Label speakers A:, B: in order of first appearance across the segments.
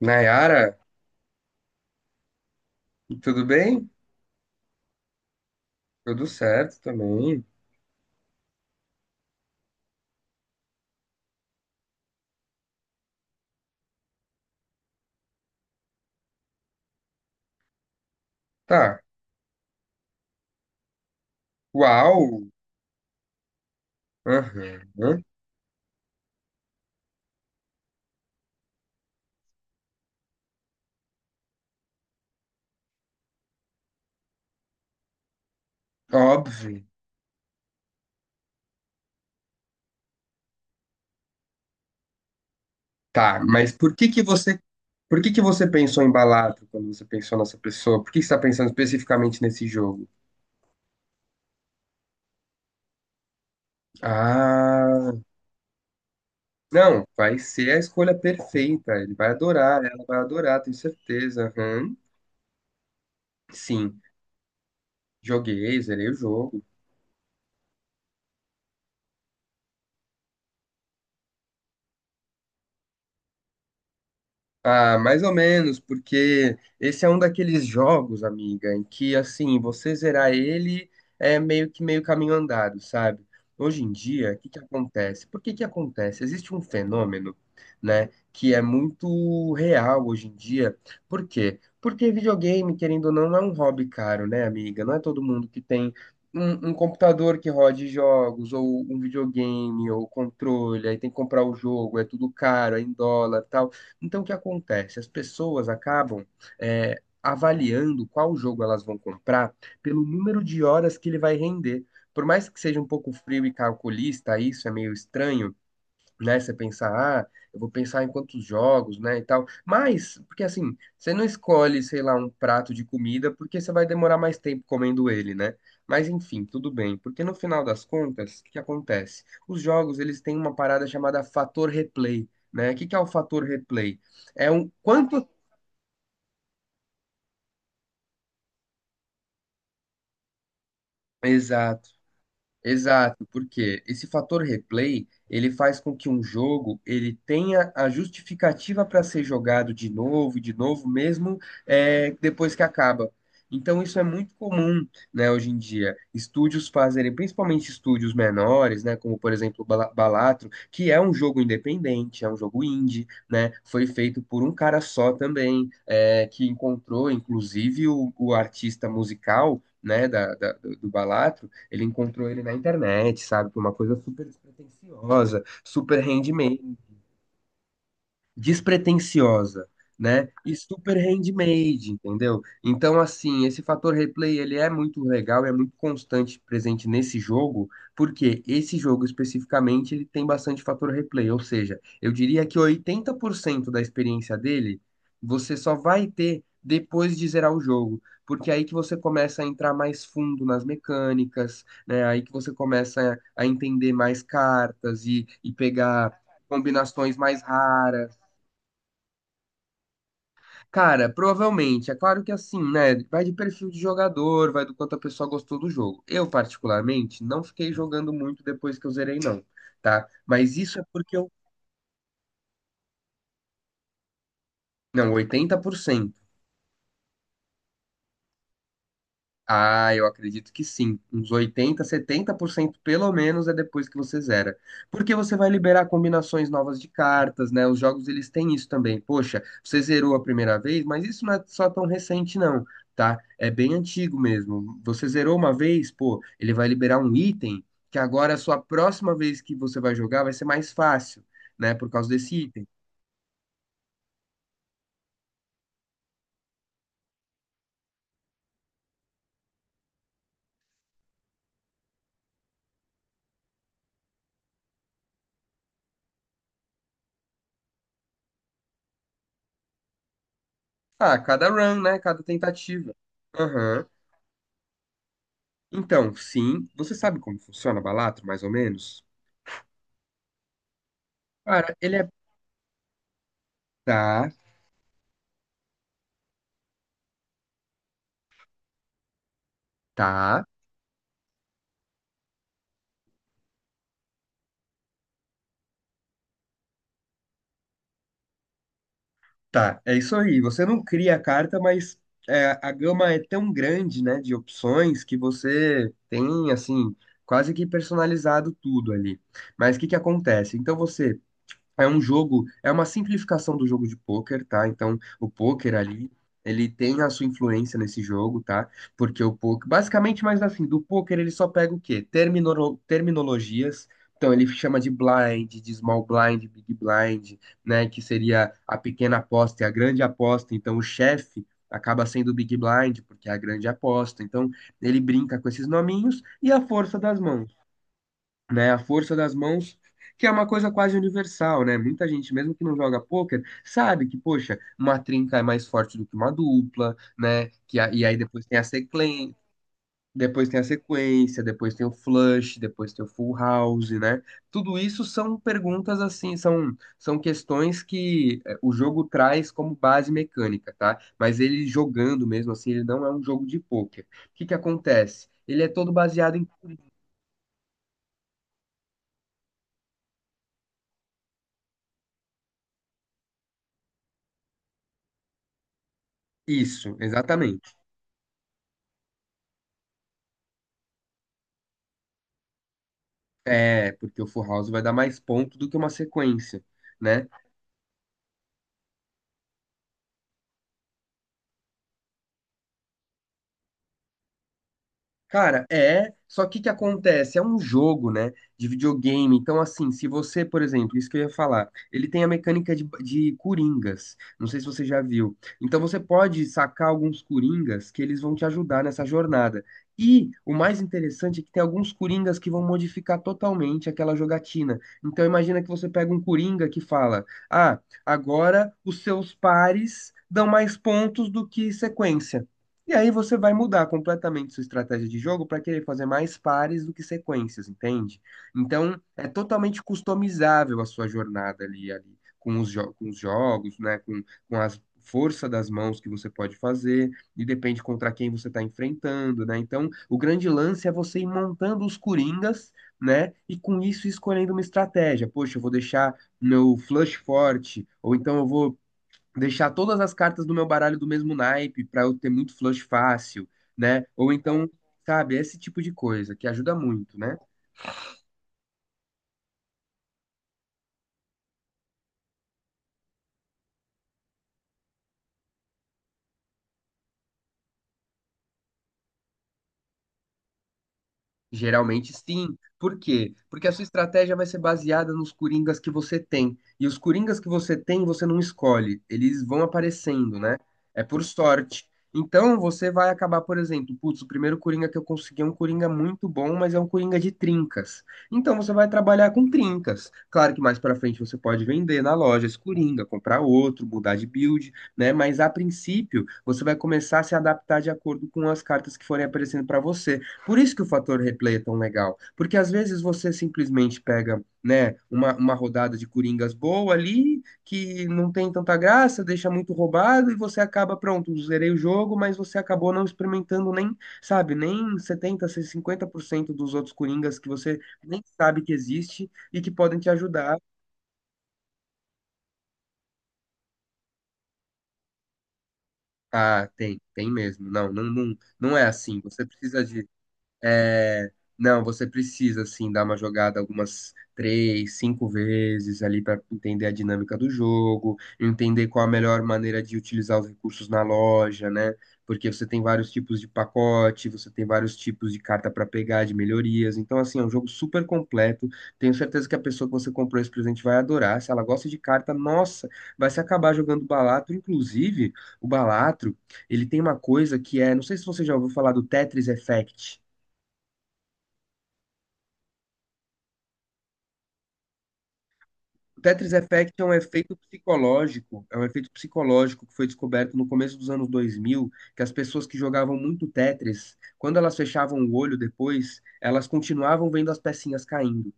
A: Nayara, tudo bem? Tudo certo também. Tá. Uau! Aham. Óbvio. Tá, mas por que que você pensou em Balatro quando você pensou nessa pessoa? Por que você está pensando especificamente nesse jogo? Ah, não, vai ser a escolha perfeita. Ele vai adorar, ela vai adorar, tenho certeza. Aham. Sim, joguei, zerei o jogo. Ah, mais ou menos, porque esse é um daqueles jogos, amiga, em que assim, você zerar ele é meio que meio caminho andado, sabe? Hoje em dia, o que que acontece? Por que que acontece? Existe um fenômeno, né, que é muito real hoje em dia. Por quê? Porque videogame, querendo ou não, não é um hobby caro, né, amiga? Não é todo mundo que tem um computador que rode jogos, ou um videogame, ou controle, aí tem que comprar o jogo, é tudo caro, é em dólar, tal. Então, o que acontece? As pessoas acabam é, avaliando qual jogo elas vão comprar pelo número de horas que ele vai render. Por mais que seja um pouco frio e calculista, isso é meio estranho, né? Você pensar, ah, eu vou pensar em quantos jogos, né, e tal. Mas, porque assim, você não escolhe, sei lá, um prato de comida porque você vai demorar mais tempo comendo ele, né? Mas enfim, tudo bem, porque no final das contas, o que que acontece? Os jogos, eles têm uma parada chamada fator replay, né? O que que é o fator replay? É um quanto. Exato. Exato, porque esse fator replay, ele faz com que um jogo ele tenha a justificativa para ser jogado de novo e de novo, mesmo depois que acaba. Então isso é muito comum, né, hoje em dia. Estúdios fazerem, principalmente estúdios menores, né, como por exemplo o Balatro, que é um jogo independente, é um jogo indie, né, foi feito por um cara só também, é, que encontrou inclusive o artista musical, né, do Balatro, ele encontrou ele na internet, sabe? Foi uma coisa super despretensiosa, super handmade, despretensiosa, né? E super handmade, entendeu? Então, assim, esse fator replay, ele é muito legal, é muito constante presente nesse jogo, porque esse jogo especificamente, ele tem bastante fator replay, ou seja, eu diria que 80% da experiência dele, você só vai ter depois de zerar o jogo. Porque é aí que você começa a entrar mais fundo nas mecânicas, né? É aí que você começa a entender mais cartas e pegar combinações mais raras. Cara, provavelmente. É claro que assim, né? Vai de perfil de jogador, vai do quanto a pessoa gostou do jogo. Eu, particularmente, não fiquei jogando muito depois que eu zerei, não, tá? Mas isso é porque eu. Não, 80%. Ah, eu acredito que sim. Uns oitenta, setenta por cento pelo menos é depois que você zera. Porque você vai liberar combinações novas de cartas, né? Os jogos eles têm isso também. Poxa, você zerou a primeira vez, mas isso não é só tão recente não, tá? É bem antigo mesmo. Você zerou uma vez, pô, ele vai liberar um item que agora a sua próxima vez que você vai jogar vai ser mais fácil, né? Por causa desse item. Ah, cada run, né? Cada tentativa. Aham. Então, sim, você sabe como funciona Balatro, mais ou menos? Cara, ele é. Tá, tá, tá. É isso aí. Você não cria a carta, mas é, a gama é tão grande, né, de opções que você tem, assim, quase que personalizado tudo ali. Mas o que que acontece? Então você. É um jogo, é uma simplificação do jogo de pôquer, tá? Então, o pôquer ali, ele tem a sua influência nesse jogo, tá? Porque o pôquer, basicamente, mas assim, do pôquer ele só pega o quê? Terminologias. Então, ele chama de blind, de small blind, big blind, né? Que seria a pequena aposta e a grande aposta. Então, o chefe acaba sendo o big blind, porque é a grande aposta. Então, ele brinca com esses nominhos e a força das mãos, né? A força das mãos, que é uma coisa quase universal, né? Muita gente, mesmo que não joga pôquer, sabe que, poxa, uma trinca é mais forte do que uma dupla, né? E aí depois tem a sequen, depois tem a sequência, depois tem o flush, depois tem o full house, né? Tudo isso são perguntas assim, são, são questões que eh, o jogo traz como base mecânica, tá? Mas ele jogando mesmo assim, ele não é um jogo de pôquer. O que que acontece? Ele é todo baseado em isso, exatamente. É, porque o Full House vai dar mais ponto do que uma sequência, né? Cara, é. Só que o que acontece? É um jogo, né? De videogame. Então, assim, se você, por exemplo, isso que eu ia falar, ele tem a mecânica de coringas. Não sei se você já viu. Então, você pode sacar alguns coringas que eles vão te ajudar nessa jornada. E o mais interessante é que tem alguns coringas que vão modificar totalmente aquela jogatina. Então, imagina que você pega um coringa que fala: Ah, agora os seus pares dão mais pontos do que sequência. E aí você vai mudar completamente sua estratégia de jogo para querer fazer mais pares do que sequências, entende? Então, é totalmente customizável a sua jornada ali, ali com os, com os jogos, né? Com a força das mãos que você pode fazer, e depende contra quem você está enfrentando, né? Então, o grande lance é você ir montando os coringas, né? E com isso escolhendo uma estratégia. Poxa, eu vou deixar meu flush forte, ou então eu vou deixar todas as cartas do meu baralho do mesmo naipe para eu ter muito flush fácil, né? Ou então, sabe, esse tipo de coisa que ajuda muito, né? Geralmente sim. Por quê? Porque a sua estratégia vai ser baseada nos coringas que você tem. E os coringas que você tem, você não escolhe. Eles vão aparecendo, né? É por sorte. Então você vai acabar, por exemplo, putz, o primeiro coringa que eu consegui é um coringa muito bom, mas é um coringa de trincas. Então você vai trabalhar com trincas. Claro que mais pra frente você pode vender na loja esse coringa, comprar outro, mudar de build, né? Mas a princípio, você vai começar a se adaptar de acordo com as cartas que forem aparecendo pra você. Por isso que o fator replay é tão legal, porque às vezes você simplesmente pega, né, uma rodada de coringas boa ali, que não tem tanta graça, deixa muito roubado e você acaba, pronto, zerei o jogo, mas você acabou não experimentando nem, sabe, nem setenta, cinquenta por cento dos outros coringas que você nem sabe que existe e que podem te ajudar. Ah, tem, tem mesmo. Não, não, não, não é assim. Você precisa de. É, não, você precisa, assim, dar uma jogada algumas três, cinco vezes ali para entender a dinâmica do jogo, entender qual a melhor maneira de utilizar os recursos na loja, né? Porque você tem vários tipos de pacote, você tem vários tipos de carta para pegar, de melhorias. Então, assim, é um jogo super completo. Tenho certeza que a pessoa que você comprou esse presente vai adorar. Se ela gosta de carta, nossa, vai se acabar jogando Balatro. Inclusive, o Balatro, ele tem uma coisa que é, não sei se você já ouviu falar do Tetris Effect. O Tetris Effect é um efeito psicológico, é um efeito psicológico que foi descoberto no começo dos anos 2000, que as pessoas que jogavam muito Tetris, quando elas fechavam o olho depois, elas continuavam vendo as pecinhas caindo.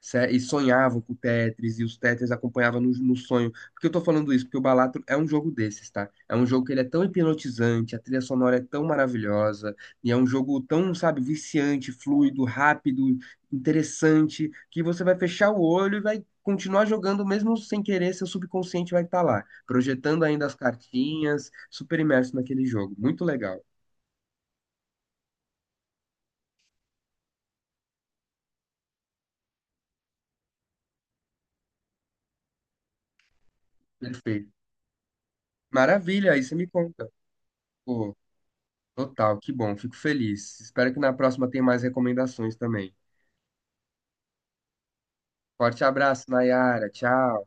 A: E sonhavam com o Tetris, e os Tetris acompanhavam no sonho. Por que eu tô falando isso? Porque o Balatro é um jogo desses, tá? É um jogo que ele é tão hipnotizante, a trilha sonora é tão maravilhosa, e é um jogo tão, sabe, viciante, fluido, rápido, interessante, que você vai fechar o olho e vai continuar jogando, mesmo sem querer, seu subconsciente vai estar lá, projetando ainda as cartinhas, super imerso naquele jogo. Muito legal. Perfeito. Maravilha, aí você me conta. Pô, total, que bom, fico feliz. Espero que na próxima tenha mais recomendações também. Forte abraço, Nayara. Tchau.